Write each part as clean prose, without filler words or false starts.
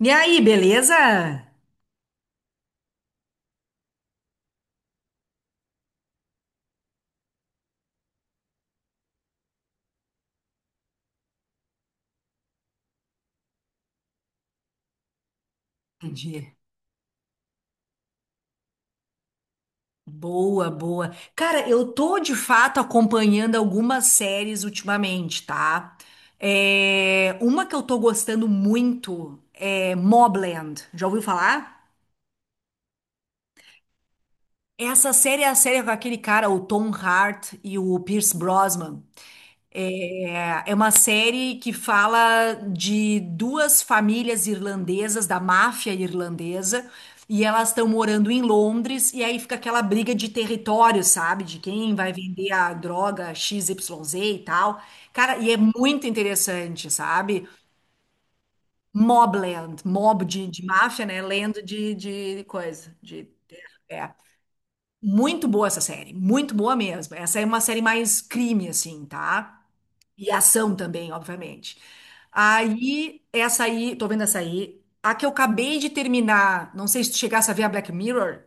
E aí, beleza? Entendi. Boa, boa. Cara, eu tô de fato acompanhando algumas séries ultimamente, tá? Uma que eu tô gostando muito é Mobland. Já ouviu falar? Essa série é a série com aquele cara, o Tom Hart e o Pierce Brosnan. É uma série que fala de duas famílias irlandesas, da máfia irlandesa, e elas estão morando em Londres, e aí fica aquela briga de território, sabe? De quem vai vender a droga XYZ e tal. Cara, e é muito interessante, sabe? Mobland, mob de máfia, né? Land de coisa, de é. Muito boa essa série, muito boa mesmo. Essa é uma série mais crime, assim, tá? E a ação também, obviamente. Aí, essa aí, tô vendo essa aí. A que eu acabei de terminar, não sei se tu chegasse a ver a Black Mirror.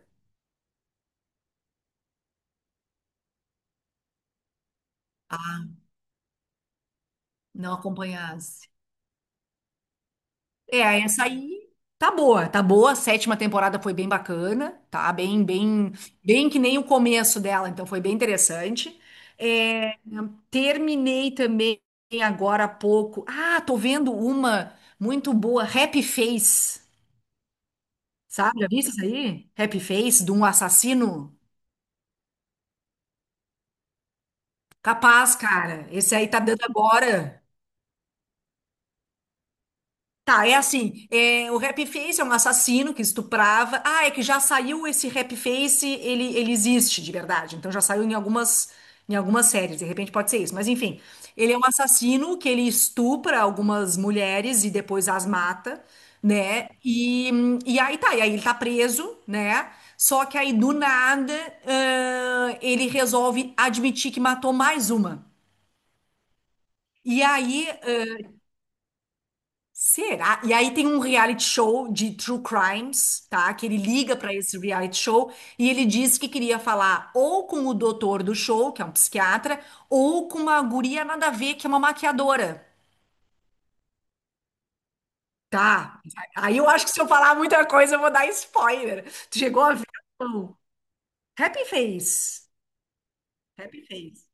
Ah, não acompanhasse. É, essa aí tá boa, tá boa. A sétima temporada foi bem bacana, tá? Bem, bem, bem que nem o começo dela, então foi bem interessante. É, terminei também agora há pouco. Ah, tô vendo uma muito boa, Happy Face. Sabe, já viste isso aí? Happy Face de um assassino? Capaz, cara. Esse aí tá dando agora. Tá, é assim, é, o Rap-Face é um assassino que estuprava. Ah, é que já saiu esse Rap-Face, ele existe de verdade. Então já saiu em algumas séries, de repente pode ser isso. Mas enfim, ele é um assassino que ele estupra algumas mulheres e depois as mata, né? E aí tá, e aí ele tá preso, né? Só que aí do nada, ele resolve admitir que matou mais uma. E aí, Será? E aí tem um reality show de true crimes, tá? Que ele liga pra esse reality show e ele diz que queria falar ou com o doutor do show, que é um psiquiatra, ou com uma guria nada a ver, que é uma maquiadora. Tá. Aí eu acho que se eu falar muita coisa, eu vou dar spoiler. Tu chegou a ver? O Happy Face. Happy Face.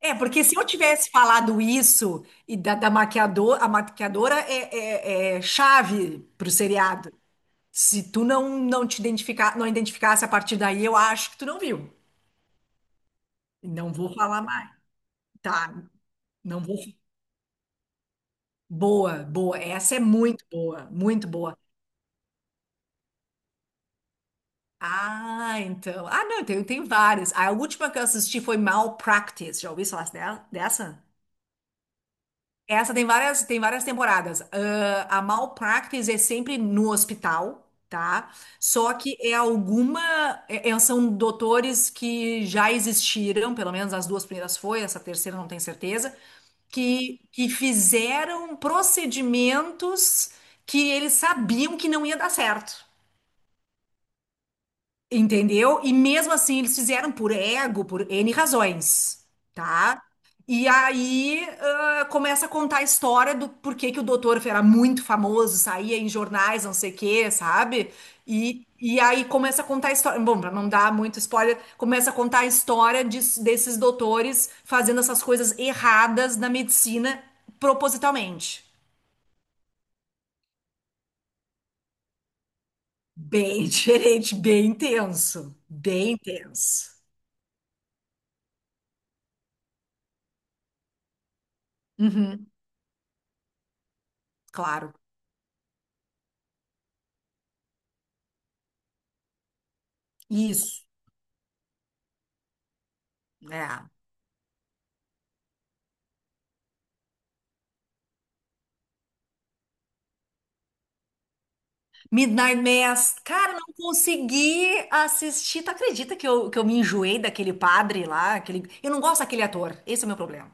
É, porque se eu tivesse falado isso e da maquiador, a maquiadora é chave pro seriado. Se tu não te identificar, não identificasse a partir daí, eu acho que tu não viu. Não vou falar mais. Tá, não vou. Boa, boa. Essa é muito boa, muito boa. Ah, então. Ah, não, tem várias. A última que eu assisti foi Malpractice. Já ouviu falar dessa? Essa tem várias temporadas. Ah, a Malpractice é sempre no hospital, tá? Só que é alguma. São doutores que já existiram, pelo menos as duas primeiras foi, essa terceira não tenho certeza, que fizeram procedimentos que eles sabiam que não ia dar certo. Entendeu? E mesmo assim, eles fizeram por ego, por N razões, tá? E aí começa a contar a história do porquê que o doutor era muito famoso, saía em jornais, não sei o quê, sabe? E aí começa a contar a história. Bom, pra não dar muito spoiler, começa a contar a história desses doutores fazendo essas coisas erradas na medicina propositalmente. Bem diferente, bem intenso. Bem intenso. Uhum, claro. Isso. É. Midnight Mass. Cara, não consegui assistir. Tu acredita que eu me enjoei daquele padre lá? Eu não gosto daquele ator. Esse é o meu problema.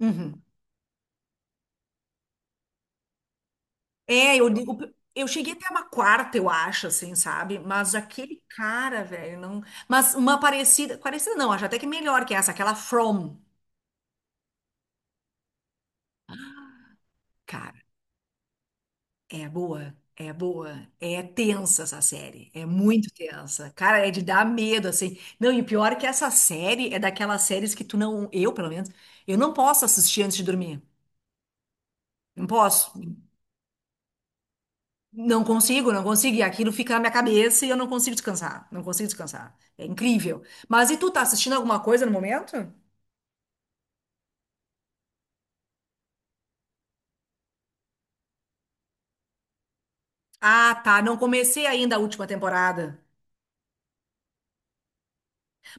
Uhum. É, eu digo. Eu cheguei até uma quarta, eu acho, assim, sabe? Mas aquele cara, velho, não. Mas uma parecida. Parecida não, acho até que melhor que essa, aquela From. Cara, é boa, é boa. É tensa essa série, é muito tensa. Cara, é de dar medo, assim. Não, e o pior é que essa série é daquelas séries que tu não, eu pelo menos, eu não posso assistir antes de dormir. Não posso. Não consigo, não consigo. E aquilo fica na minha cabeça e eu não consigo descansar. Não consigo descansar. É incrível. Mas e tu tá assistindo alguma coisa no momento? Ah, tá. Não comecei ainda a última temporada.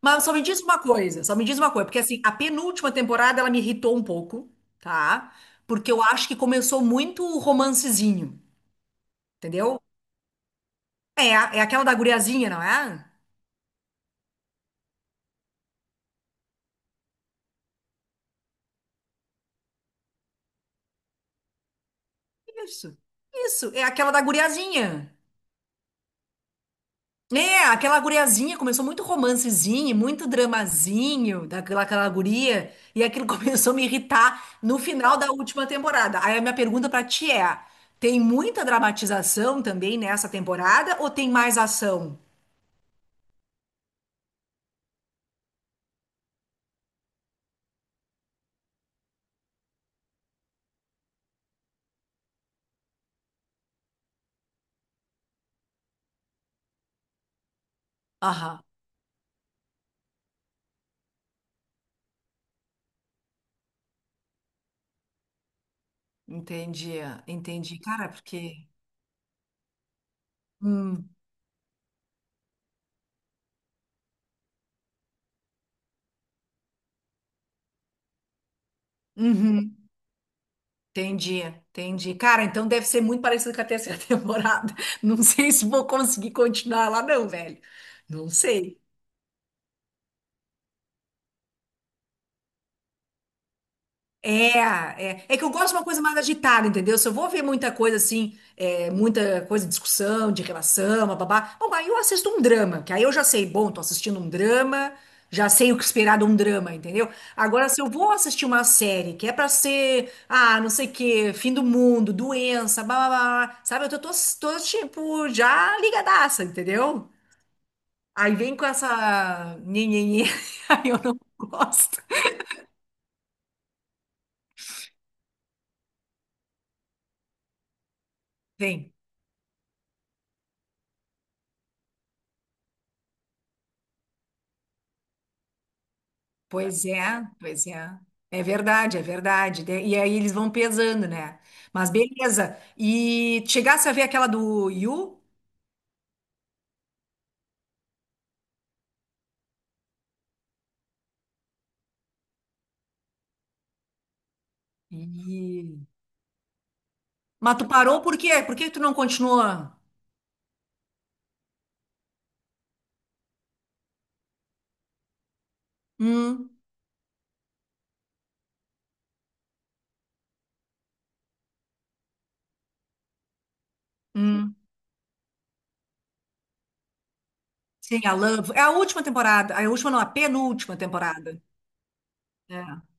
Mas só me diz uma coisa, só me diz uma coisa, porque assim, a penúltima temporada ela me irritou um pouco, tá? Porque eu acho que começou muito o romancezinho, entendeu? É, é aquela da guriazinha, não é? Isso, isso, é aquela da guriazinha. É, aquela guriazinha começou muito romancezinho, muito dramazinho daquela aquela guria, e aquilo começou a me irritar no final da última temporada. Aí a minha pergunta pra ti é: tem muita dramatização também nessa temporada ou tem mais ação? Aham. Entendi, entendi. Cara, porque. Hum, uhum, entendi, entendi. Cara, então deve ser muito parecido com a terceira temporada. Não sei se vou conseguir continuar lá, não, velho. Não sei. É, é que eu gosto de uma coisa mais agitada, entendeu? Se eu vou ver muita coisa assim, é, muita coisa de discussão, de relação, babá, bom, aí eu assisto um drama, que aí eu já sei, bom, tô assistindo um drama, já sei o que esperar de um drama, entendeu? Agora, se eu vou assistir uma série que é pra ser, ah, não sei o quê, fim do mundo, doença, blá, blá, blá, blá, sabe? Eu tô, tipo, já ligadaça, entendeu? Aí vem com essa nhenhenhê, aí eu não gosto. Vem. Pois é, pois é. É verdade, é verdade. E aí eles vão pesando, né? Mas beleza. E chegasse a ver aquela do Yu? E... Mas tu parou por quê? Por que tu não continua? Hum, hum. Sim, a Love. É a última temporada. A última não, a penúltima temporada. É.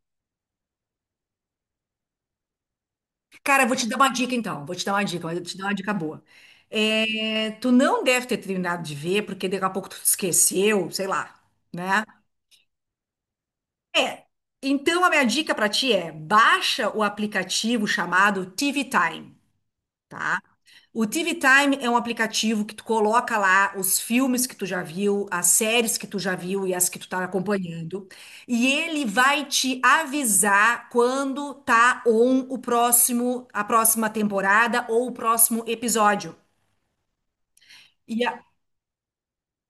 Cara, eu vou te dar uma dica então. Vou te dar uma dica, mas eu te dar uma dica boa. É, tu não deve ter terminado de ver, porque daqui a pouco tu esqueceu, sei lá, né? É. Então, a minha dica para ti é: baixa o aplicativo chamado TV Time, tá? O TV Time é um aplicativo que tu coloca lá os filmes que tu já viu, as séries que tu já viu e as que tu tá acompanhando, e ele vai te avisar quando tá on o próximo, a próxima temporada ou o próximo episódio. E a-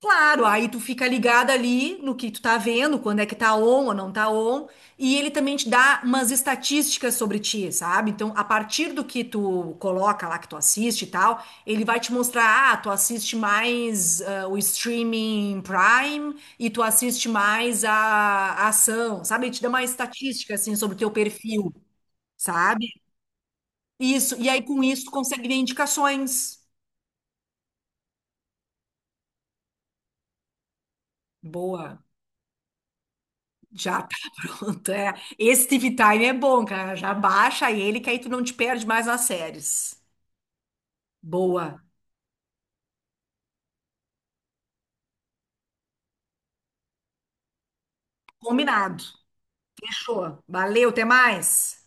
Claro, aí tu fica ligado ali no que tu tá vendo, quando é que tá on ou não tá on, e ele também te dá umas estatísticas sobre ti, sabe? Então, a partir do que tu coloca lá, que tu assiste e tal, ele vai te mostrar, tu assiste mais o streaming Prime e tu assiste mais a ação, sabe? Ele te dá uma estatística, assim, sobre o teu perfil, sabe? Isso, e aí com isso tu consegue ver indicações. Boa. Já tá pronto, é. Esse TV Time é bom, cara. Já baixa ele que aí tu não te perde mais nas séries. Boa. Combinado. Fechou. Valeu, até mais.